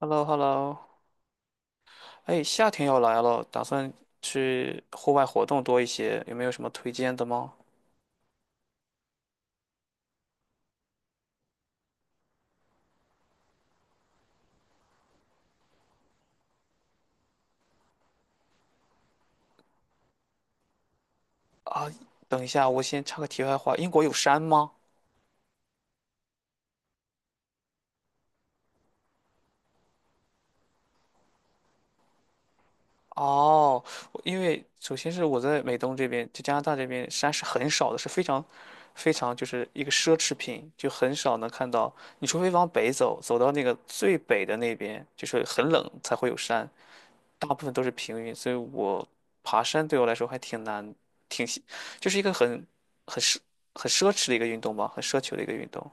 h e l l o h e l l o。 哎，夏天要来了，打算去户外活动多一些，有没有什么推荐的吗？啊，等一下，我先插个题外话，英国有山吗？哦，我因为首先是我在美东这边，就加拿大这边山是很少的，是非常非常就是一个奢侈品，就很少能看到。你除非往北走，走到那个最北的那边，就是很冷才会有山，大部分都是平原，所以我爬山对我来说还挺难，挺喜就是一个很奢很奢侈的一个运动吧，很奢求的一个运动。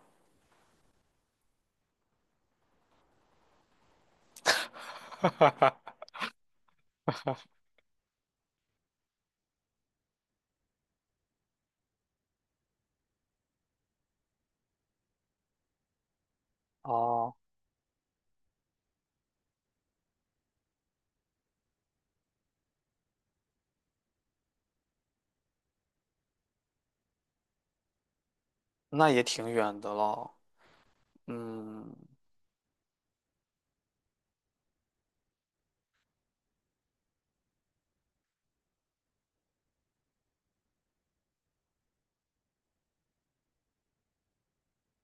哦，那也挺远的了，嗯。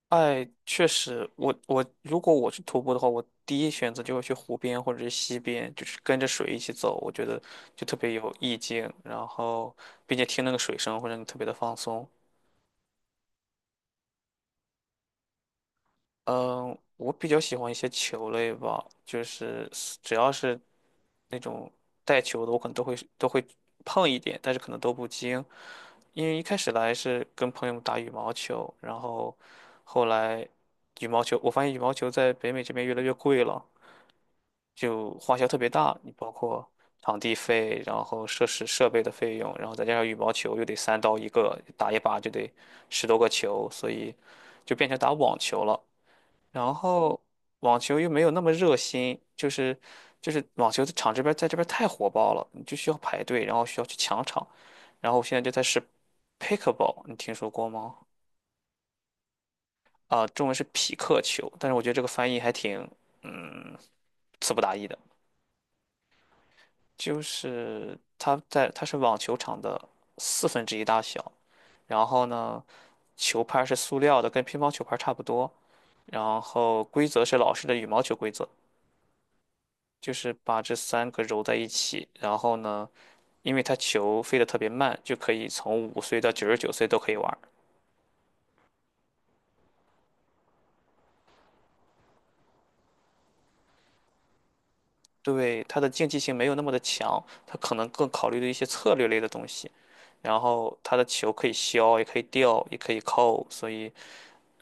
哎，确实，我如果我去徒步的话，我第一选择就会去湖边或者是溪边，就是跟着水一起走，我觉得就特别有意境，然后并且听那个水声会让你特别的放松。嗯，我比较喜欢一些球类吧，就是只要是那种带球的，我可能都会碰一点，但是可能都不精。因为一开始来是跟朋友们打羽毛球，然后后来羽毛球，我发现羽毛球在北美这边越来越贵了，就花销特别大，你包括场地费，然后设施设备的费用，然后再加上羽毛球又得3刀一个，打一把就得10多个球，所以就变成打网球了。然后网球又没有那么热心，就是网球的场这边在这边太火爆了，你就需要排队，然后需要去抢场。然后我现在就在是 pickleball,你听说过吗？啊、中文是匹克球，但是我觉得这个翻译还挺，嗯，词不达意的。就是它在它是网球场的四分之一大小，然后呢，球拍是塑料的，跟乒乓球拍差不多，然后规则是老式的羽毛球规则，就是把这三个揉在一起，然后呢，因为它球飞得特别慢，就可以从5岁到99岁都可以玩儿。对，它的竞技性没有那么的强，它可能更考虑的一些策略类的东西，然后它的球可以削，也可以吊，也可以扣，所以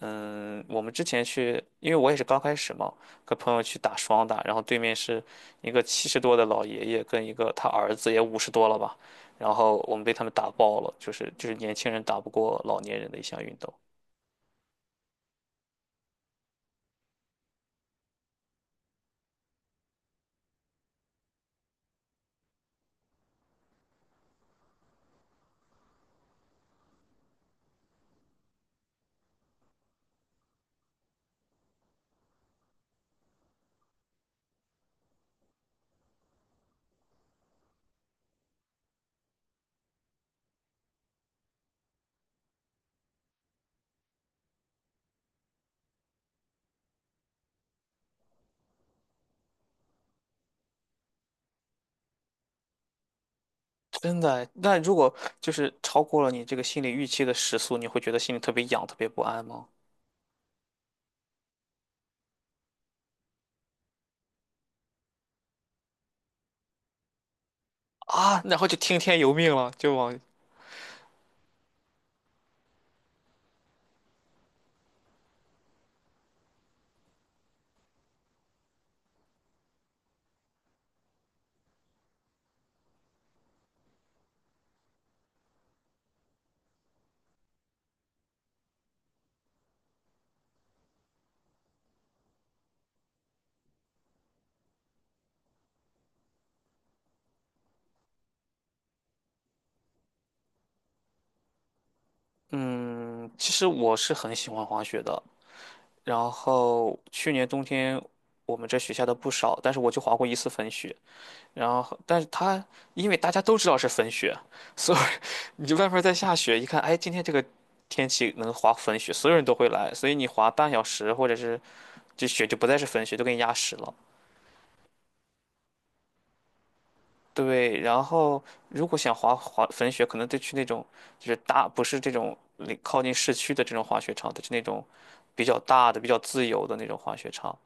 嗯，我们之前去，因为我也是刚开始嘛，跟朋友去打双打，然后对面是一个70多的老爷爷跟一个他儿子也50多了吧，然后我们被他们打爆了，就是年轻人打不过老年人的一项运动，真的。那如果就是超过了你这个心理预期的时速，你会觉得心里特别痒，特别不安吗？啊，然后就听天由命了，就往。嗯，其实我是很喜欢滑雪的，然后去年冬天我们这雪下的不少，但是我就滑过一次粉雪。然后，但是它因为大家都知道是粉雪，所以 你就外面在下雪，一看，哎，今天这个天气能滑粉雪，所有人都会来，所以你滑半小时或者是这雪就不再是粉雪，都给你压实了。对，然后如果想滑滑粉雪，可能得去那种就是大，不是这种离靠近市区的这种滑雪场，得去那种比较大的、比较自由的那种滑雪场。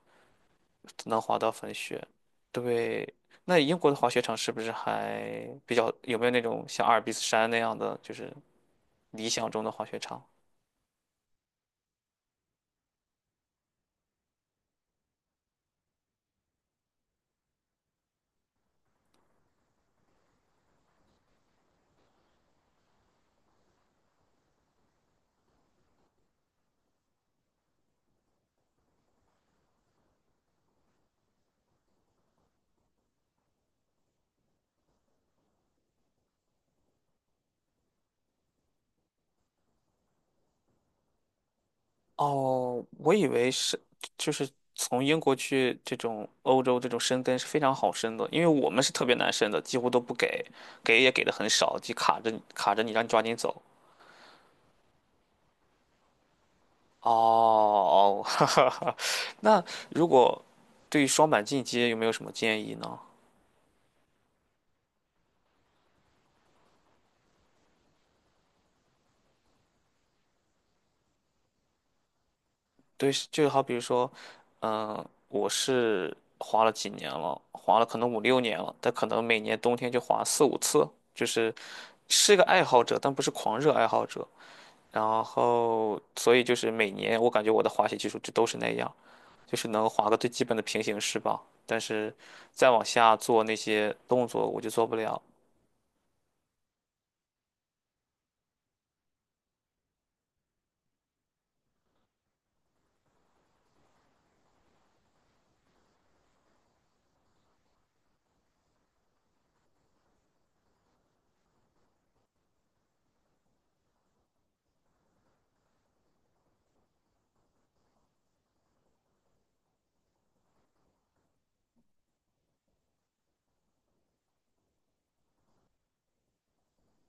能滑到粉雪。对，那英国的滑雪场是不是还比较，有没有那种像阿尔卑斯山那样的，就是理想中的滑雪场？哦，我以为是，就是从英国去这种欧洲这种申根是非常好申的，因为我们是特别难申的，几乎都不给，给也给的很少，就卡着你卡着你，让你抓紧走。哦，哈哈哈。那如果对于双板进阶有没有什么建议呢？对，就好比如说，嗯、我是滑了几年了，滑了可能五六年了，但可能每年冬天就滑四五次，就是是个爱好者，但不是狂热爱好者。然后，所以就是每年我感觉我的滑雪技术就都是那样，就是能滑个最基本的平行式吧。但是再往下做那些动作，我就做不了。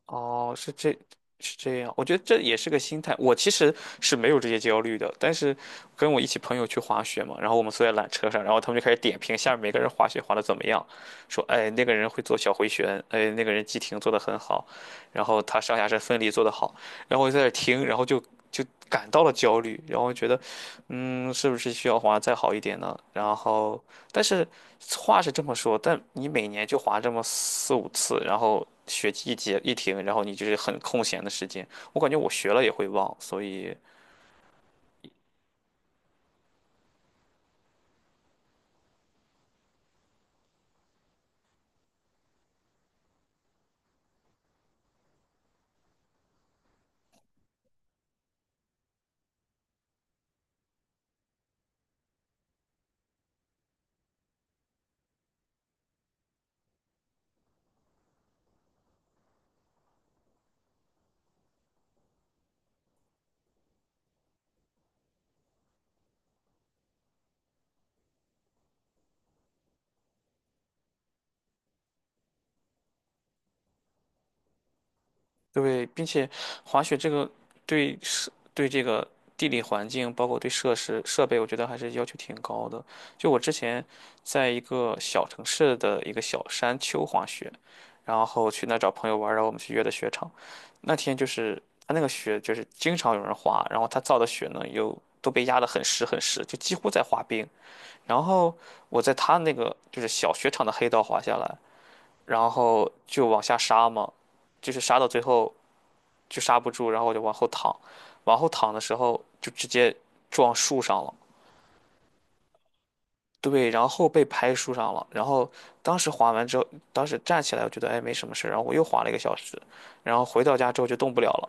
哦，是这样。我觉得这也是个心态。我其实是没有这些焦虑的，但是跟我一起朋友去滑雪嘛，然后我们坐在缆车上，然后他们就开始点评下面每个人滑雪滑的怎么样，说，哎，那个人会做小回旋，哎，那个人急停做的很好，然后他上下身分离做得好，然后我就在那听，然后就感到了焦虑，然后觉得，嗯，是不是需要滑得再好一点呢？然后，但是。话是这么说，但你每年就滑这么四五次，然后学期一结一停，然后你就是很空闲的时间，我感觉我学了也会忘，所以对，并且滑雪这个对这个地理环境，包括对设施设备，我觉得还是要求挺高的。就我之前在一个小城市的一个小山丘滑雪，然后去那儿找朋友玩儿，然后我们去约的雪场。那天就是他那个雪就是经常有人滑，然后他造的雪呢又都被压得很实很实，就几乎在滑冰。然后我在他那个就是小雪场的黑道滑下来，然后就往下杀嘛。就是杀到最后，就刹不住，然后我就往后躺，往后躺的时候就直接撞树上了。对，然后被拍树上了。然后当时滑完之后，当时站起来，我觉得哎没什么事然后我又滑了一个小时，然后回到家之后就动不了了，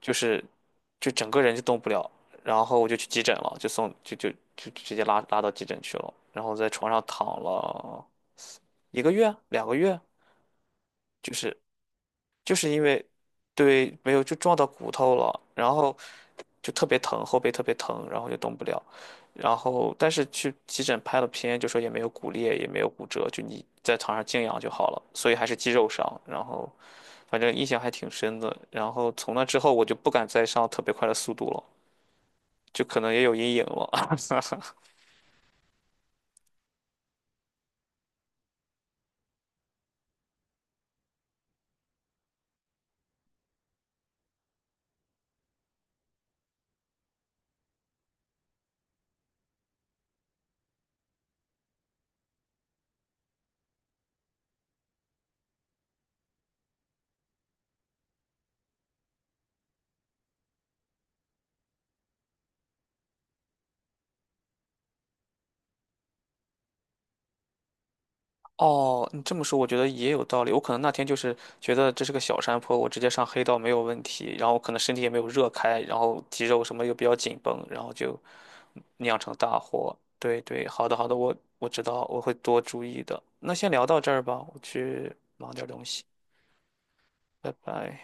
就是就整个人就动不了。然后我就去急诊了，就送就就就直接拉到急诊去了。然后在床上躺了一个月、两个月，就是就是因为对没有就撞到骨头了，然后就特别疼，后背特别疼，然后就动不了。然后但是去急诊拍了片，就说也没有骨裂，也没有骨折，就你在床上静养就好了，所以还是肌肉伤。然后反正印象还挺深的。然后从那之后我就不敢再上特别快的速度了，就可能也有阴影了。哦，你这么说，我觉得也有道理。我可能那天就是觉得这是个小山坡，我直接上黑道没有问题，然后可能身体也没有热开，然后肌肉什么又比较紧绷，然后就酿成大祸。对对，好的好的，我知道，我会多注意的。那先聊到这儿吧，我去忙点儿东西，拜拜。